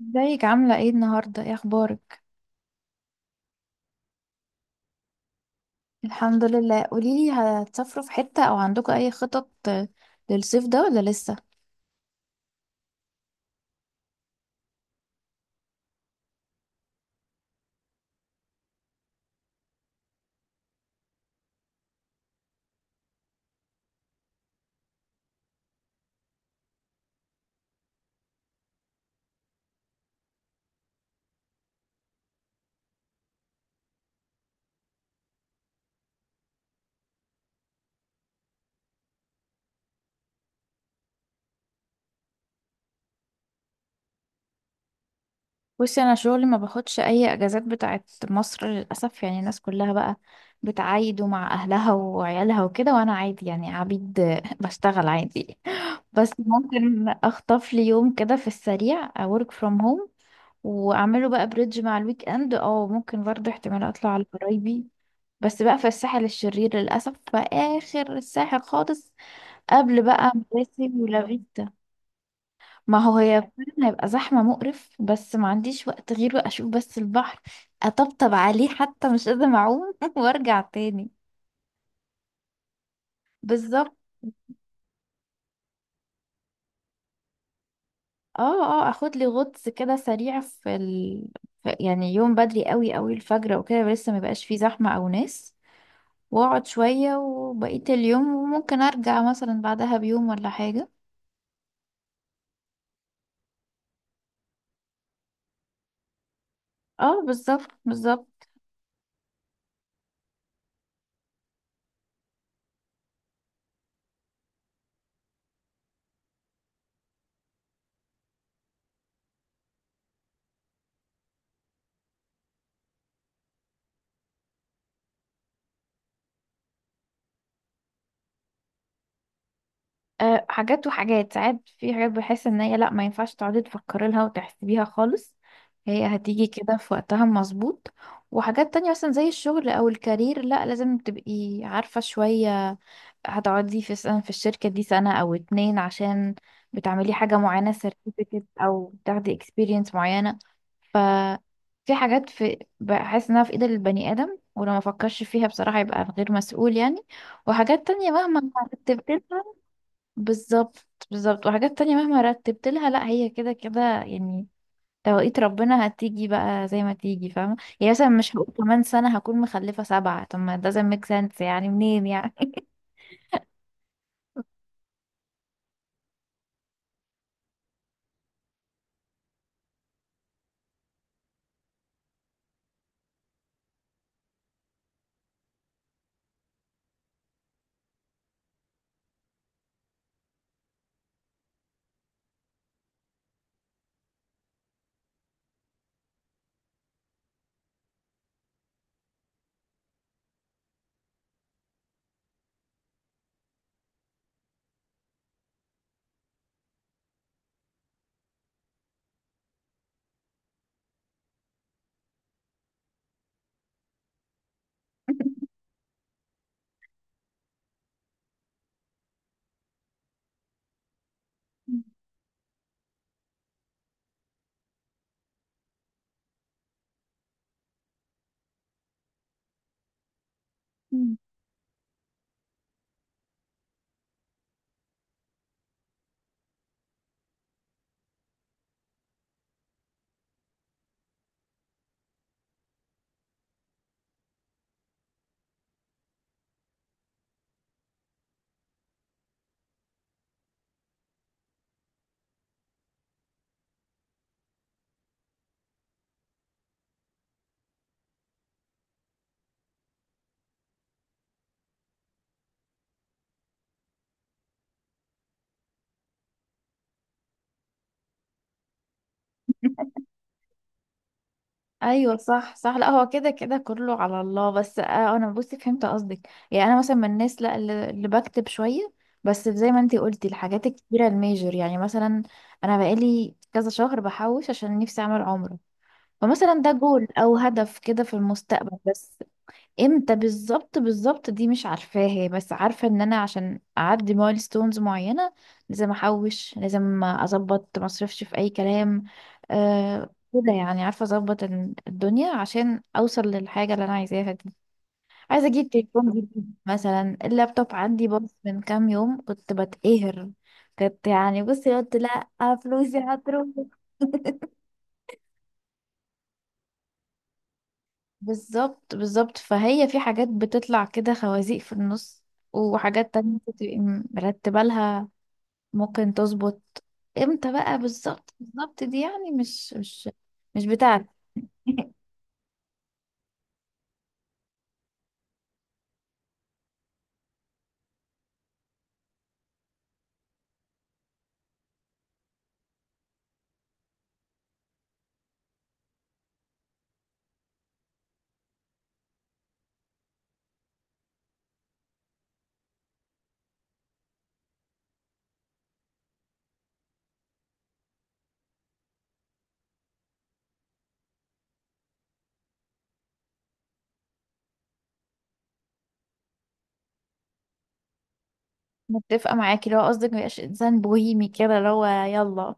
ازيك، عاملة ايه النهاردة؟ ايه اخبارك؟ الحمد لله. قوليلي، هتسافروا في حتة او عندكم اي خطط للصيف ده ولا لسه؟ بصي، انا شغلي ما باخدش اي اجازات بتاعت مصر للاسف. يعني الناس كلها بقى بتعايد مع اهلها وعيالها وكده، وانا عادي يعني عبيد، بشتغل عادي. بس ممكن اخطف لي يوم كده في السريع work from home واعمله بقى بريدج مع الويك اند، او ممكن برضه احتمال اطلع على قرايبي، بس بقى في الساحل الشرير للأسف، في آخر الساحل خالص، قبل بقى مراسي ولافيتا. ما هو هي فعلا هيبقى زحمة مقرف، بس ما عنديش وقت غيره. أشوف بس البحر، أطبطب عليه، حتى مش قادرة أعوم وأرجع تاني. بالظبط. اه اه، اخد لي غطس كده سريع في يعني يوم بدري قوي قوي، الفجر وكده، لسه ما بقاش فيه زحمة او ناس، واقعد شوية وبقية اليوم، وممكن ارجع مثلا بعدها بيوم ولا حاجة. اه بالظبط بالظبط. أه، حاجات وحاجات. ساعات في حاجات بحس ان هي لا، ما ينفعش تقعدي تفكري لها وتحسبيها خالص، هي هتيجي كده في وقتها مظبوط. وحاجات تانية مثلا زي الشغل او الكارير، لا لازم تبقي عارفة شوية هتقعدي في سنة في الشركة دي، سنة او اتنين، عشان بتعملي حاجة معينة، سيرتيفيكت او بتاخدي اكسبيرينس معينة. ف في حاجات، في بحس انها في ايد البني ادم، ولو ما فكرش فيها بصراحة يبقى غير مسؤول يعني. وحاجات تانية مهما، بالظبط بالظبط. وحاجات تانية مهما رتبت لها، لا هي كده كده يعني، توقيت ربنا هتيجي بقى زي ما تيجي، فاهمة؟ يعني مثلا مش هقول كمان سنة هكون مخلفة سبعة، طب ما doesn't make sense يعني، منين يعني؟ ايوه صح صح. لا هو كده كده كله على الله، بس آه انا بصي فهمت قصدك. يعني انا مثلا من الناس لا، اللي بكتب شويه، بس زي ما انتي قلتي الحاجات الكبيره الميجر. يعني مثلا انا بقالي كذا شهر بحوش عشان نفسي اعمل عمره، فمثلا ده جول او هدف كده في المستقبل. بس امتى بالظبط بالظبط دي مش عارفاها، بس عارفه ان انا عشان اعدي مايلستونز معينه لازم احوش، لازم اظبط، ما اصرفش في اي كلام، آه كده يعني. عارفه اظبط الدنيا عشان اوصل للحاجه اللي انا عايزاها دي. عايزه اجيب تليفون جديد مثلا، اللابتوب عندي باظ من كام يوم، كنت بتقهر، كنت يعني بصي قلت لا، فلوسي هتروح. بالظبط بالظبط. فهي في حاجات بتطلع كده خوازيق في النص، وحاجات تانية انت تبقي مرتبة لها ممكن تظبط. امتى بقى بالظبط بالظبط دي، يعني مش مش بتاعتي. متفقة معاكي لو قصدك ميبقاش انسان بوهيمي كده اللي هو يلا.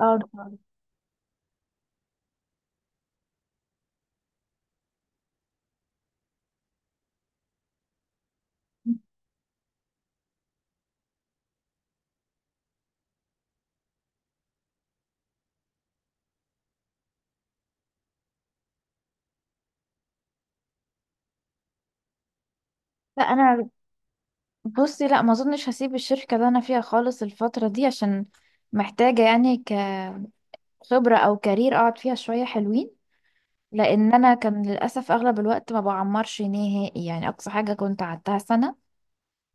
اه طبعاً. لا انا بصي، لا ما اظنش هسيب الشركة اللي انا فيها خالص الفترة دي، عشان محتاجة يعني كخبرة او كارير اقعد فيها شوية حلوين. لان انا كان للاسف اغلب الوقت ما بعمرش نهائي، يعني اقصى حاجه كنت قعدتها سنه،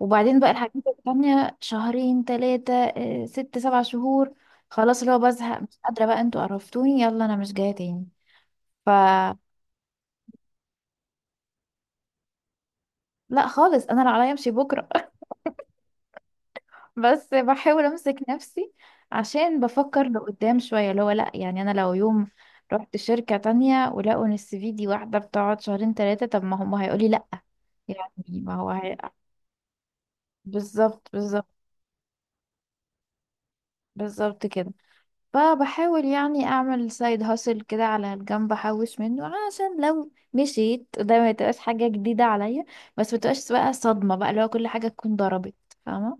وبعدين بقى الحاجات التانية شهرين تلاتة، ست سبع شهور، خلاص اللي هو بزهق، مش قادره بقى، انتوا قرفتوني يلا انا مش جايه تاني. ف لا خالص، انا لو عليا امشي بكره. بس بحاول امسك نفسي، عشان بفكر لقدام شويه، اللي هو لا يعني انا لو يوم رحت شركه تانية ولقوا ان السي في دي واحده بتقعد شهرين تلاتة، طب ما هم هيقولي لا، يعني ما هو هي... بالظبط بالظبط. بالظبط كده. فبحاول يعني اعمل سايد هاسل كده على الجنب، احوش منه، عشان لو مشيت ده ما تبقاش حاجة جديدة عليا، بس ما تبقاش بقى صدمة بقى اللي هو كل حاجة تكون ضربت. فاهمة؟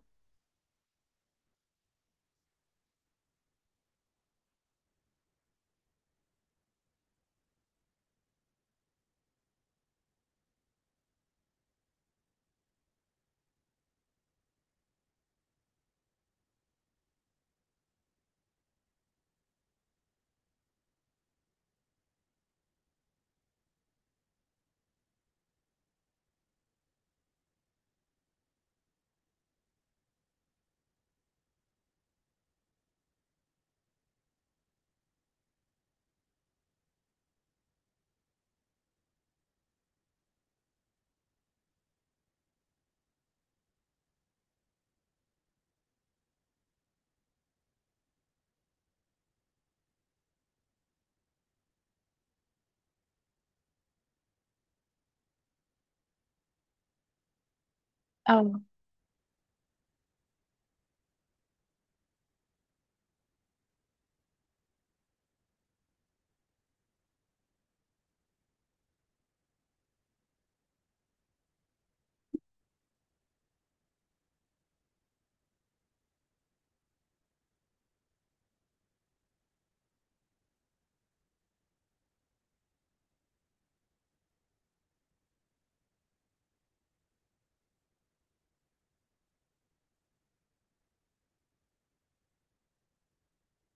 اه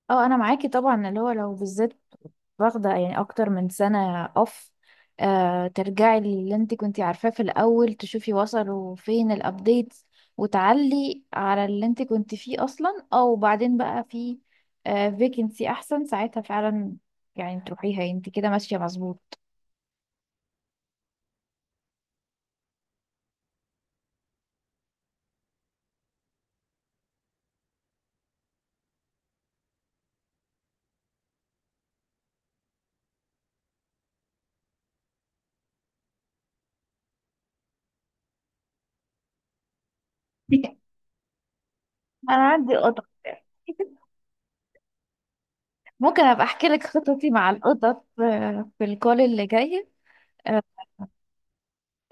اه، انا معاكي طبعا، اللي هو لو بالذات واخدة يعني أكتر من سنة أوف، آه ترجعي للي انت كنتي عارفاه في الأول، تشوفي وصلوا فين الأبديتس، وتعلي على اللي انت كنتي فيه أصلا، أو بعدين بقى في آه فيكنسي أحسن ساعتها فعلا. يعني تروحيها انت كده ماشية مظبوط. انا عندي قطط. ممكن أبقى أحكي لك خططي مع القطط في الكول اللي جاي. آه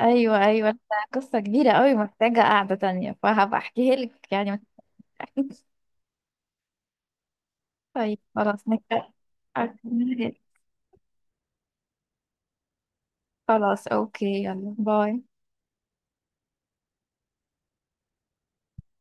أيوة أيوة. ده قصة كبيرة قوي، محتاجة قعدة تانية، فهبقى أحكيها لك يعني. طيب خلاص نبدأ. أكمل. خلاص اوكي، يلا باي.